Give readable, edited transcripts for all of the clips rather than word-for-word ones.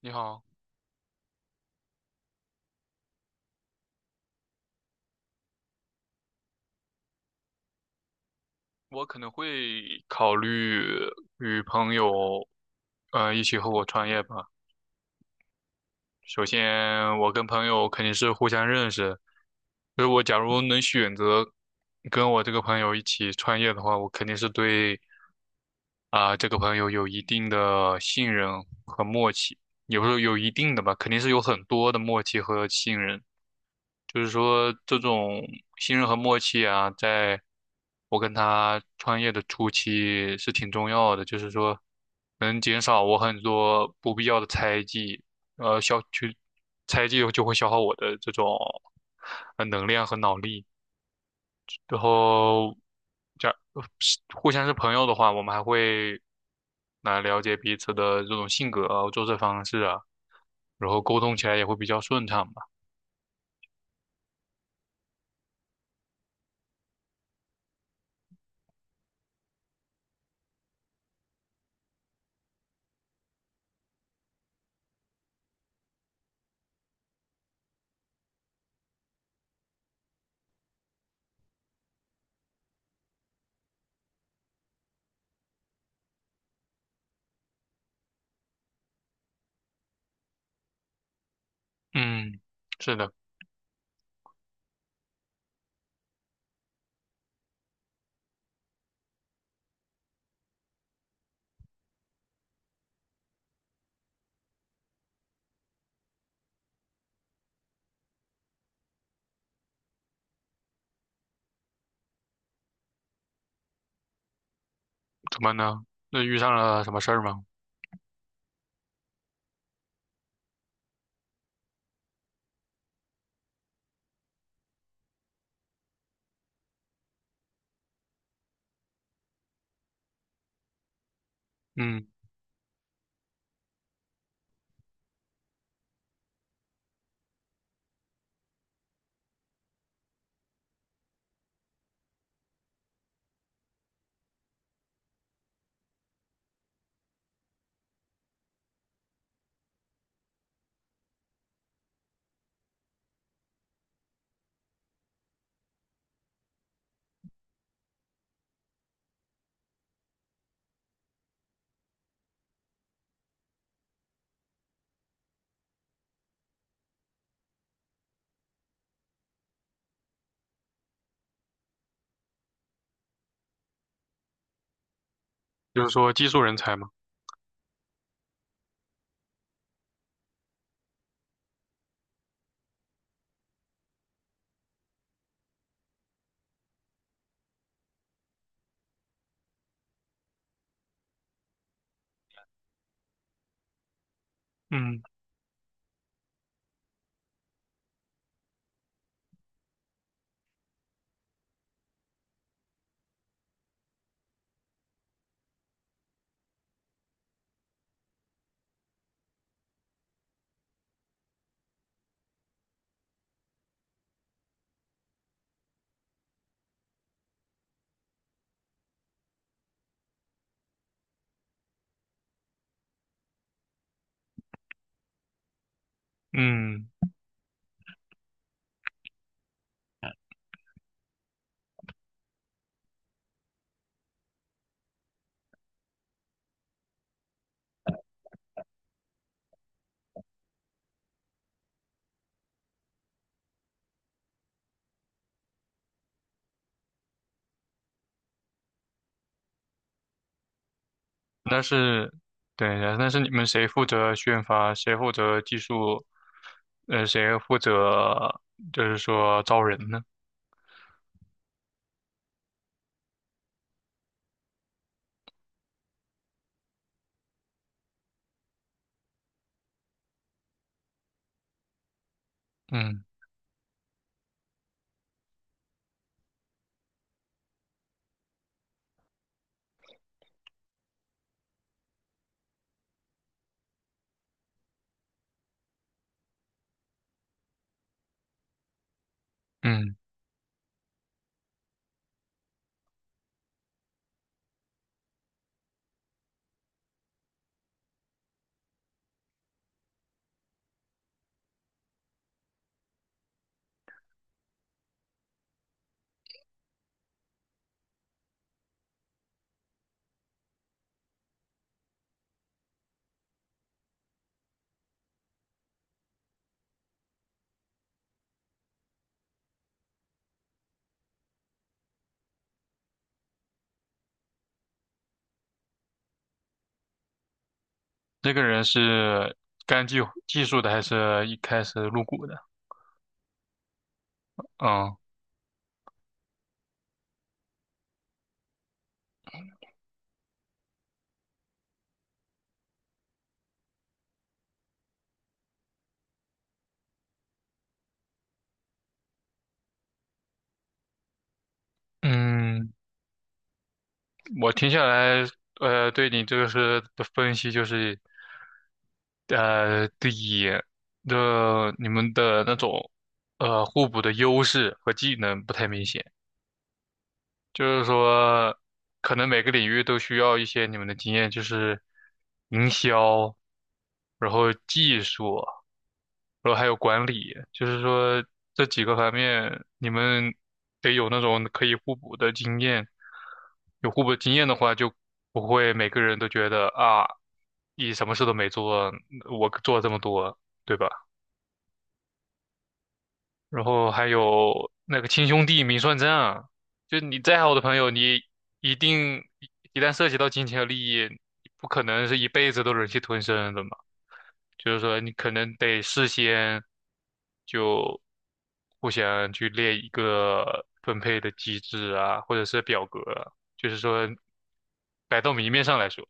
你好，我可能会考虑与朋友，一起合伙创业吧。首先，我跟朋友肯定是互相认识，所以我假如能选择跟我这个朋友一起创业的话，我肯定是对啊、这个朋友有一定的信任和默契，也不是有一定的吧，肯定是有很多的默契和信任。就是说这种信任和默契啊，在我跟他创业的初期是挺重要的，就是说能减少我很多不必要的猜忌，消去猜忌就会消耗我的这种能量和脑力，然后这样是互相是朋友的话，我们还会来了解彼此的这种性格啊、做事方式啊，然后沟通起来也会比较顺畅吧。嗯，是的。怎么呢？那遇上了什么事儿吗？嗯，就是说技术人才嘛。嗯嗯，那是，对，那是你们谁负责宣发，谁负责技术，谁负责就是说招人呢？嗯嗯，那个人是干技术的，还是一开始入股的？嗯嗯。我听下来，对你这个是的分析就是，第一，的你们的那种互补的优势和技能不太明显。就是说，可能每个领域都需要一些你们的经验，就是营销，然后技术，然后还有管理，就是说这几个方面，你们得有那种可以互补的经验。有互补的经验的话，就不会每个人都觉得啊，你什么事都没做，我做这么多，对吧？然后还有那个亲兄弟明算账啊，就你再好的朋友，你一定一旦涉及到金钱和利益，不可能是一辈子都忍气吞声的嘛。就是说，你可能得事先就互相去列一个分配的机制啊，或者是表格啊就是说摆到明面上来说，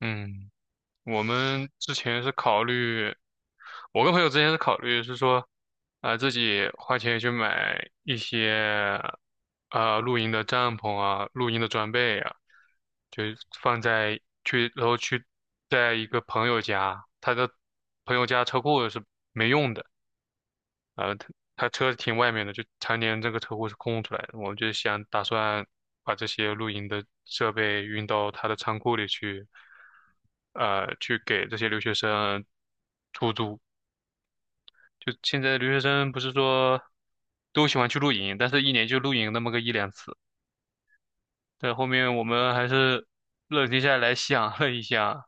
嗯。我们之前是考虑，我跟朋友之前是考虑是说，啊、自己花钱去买一些，啊露营的帐篷啊，露营的装备啊，就放在去，然后去在一个朋友家，他的朋友家车库是没用的。呃，他他车停外面的，就常年这个车库是空出来的。我就想打算把这些露营的设备运到他的仓库里去，去给这些留学生出租。就现在留学生不是说都喜欢去露营，但是一年就露营那么个一两次。但后面我们还是冷静下来想了一下，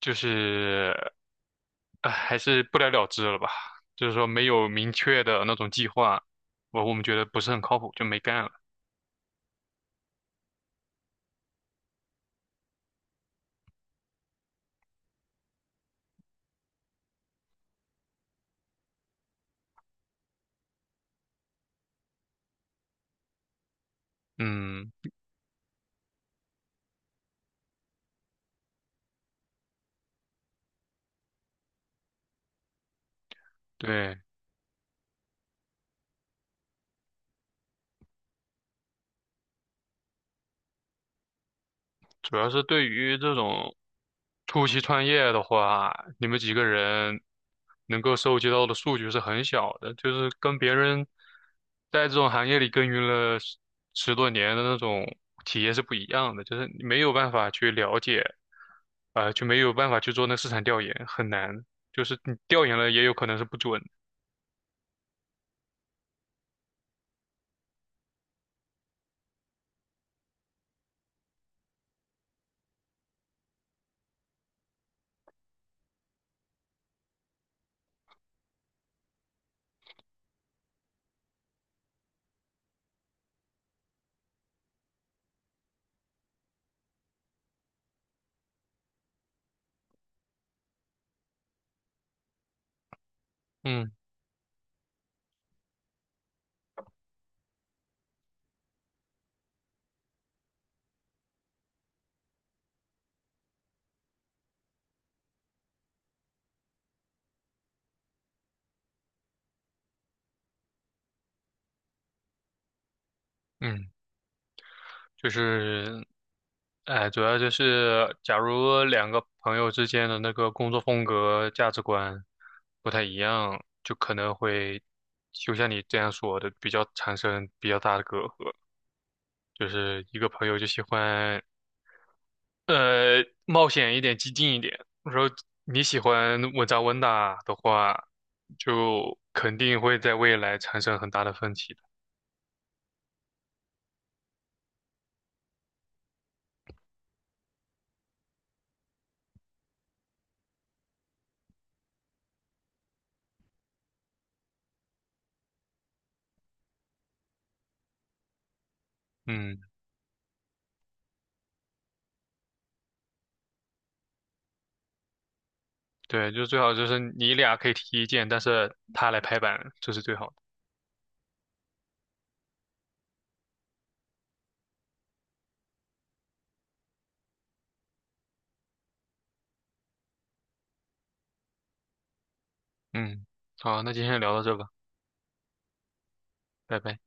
就是，哎，还是不了了之了吧。就是说没有明确的那种计划，我们觉得不是很靠谱，就没干了。嗯，对，主要是对于这种初期创业的话，你们几个人能够收集到的数据是很小的，就是跟别人在这种行业里耕耘了十多年的那种体验是不一样的，就是你没有办法去了解。就没有办法去做那市场调研，很难。就是你调研了，也有可能是不准。嗯嗯，就是，哎，主要就是，假如两个朋友之间的那个工作风格、价值观不太一样，就可能会，就像你这样说的，比较产生比较大的隔阂。就是一个朋友就喜欢冒险一点，激进一点。我说你喜欢稳扎稳打的话，就肯定会在未来产生很大的分歧的。嗯，对，就最好就是你俩可以提意见，但是他来拍板，这是最好的。嗯，好，那今天聊到这吧，拜拜。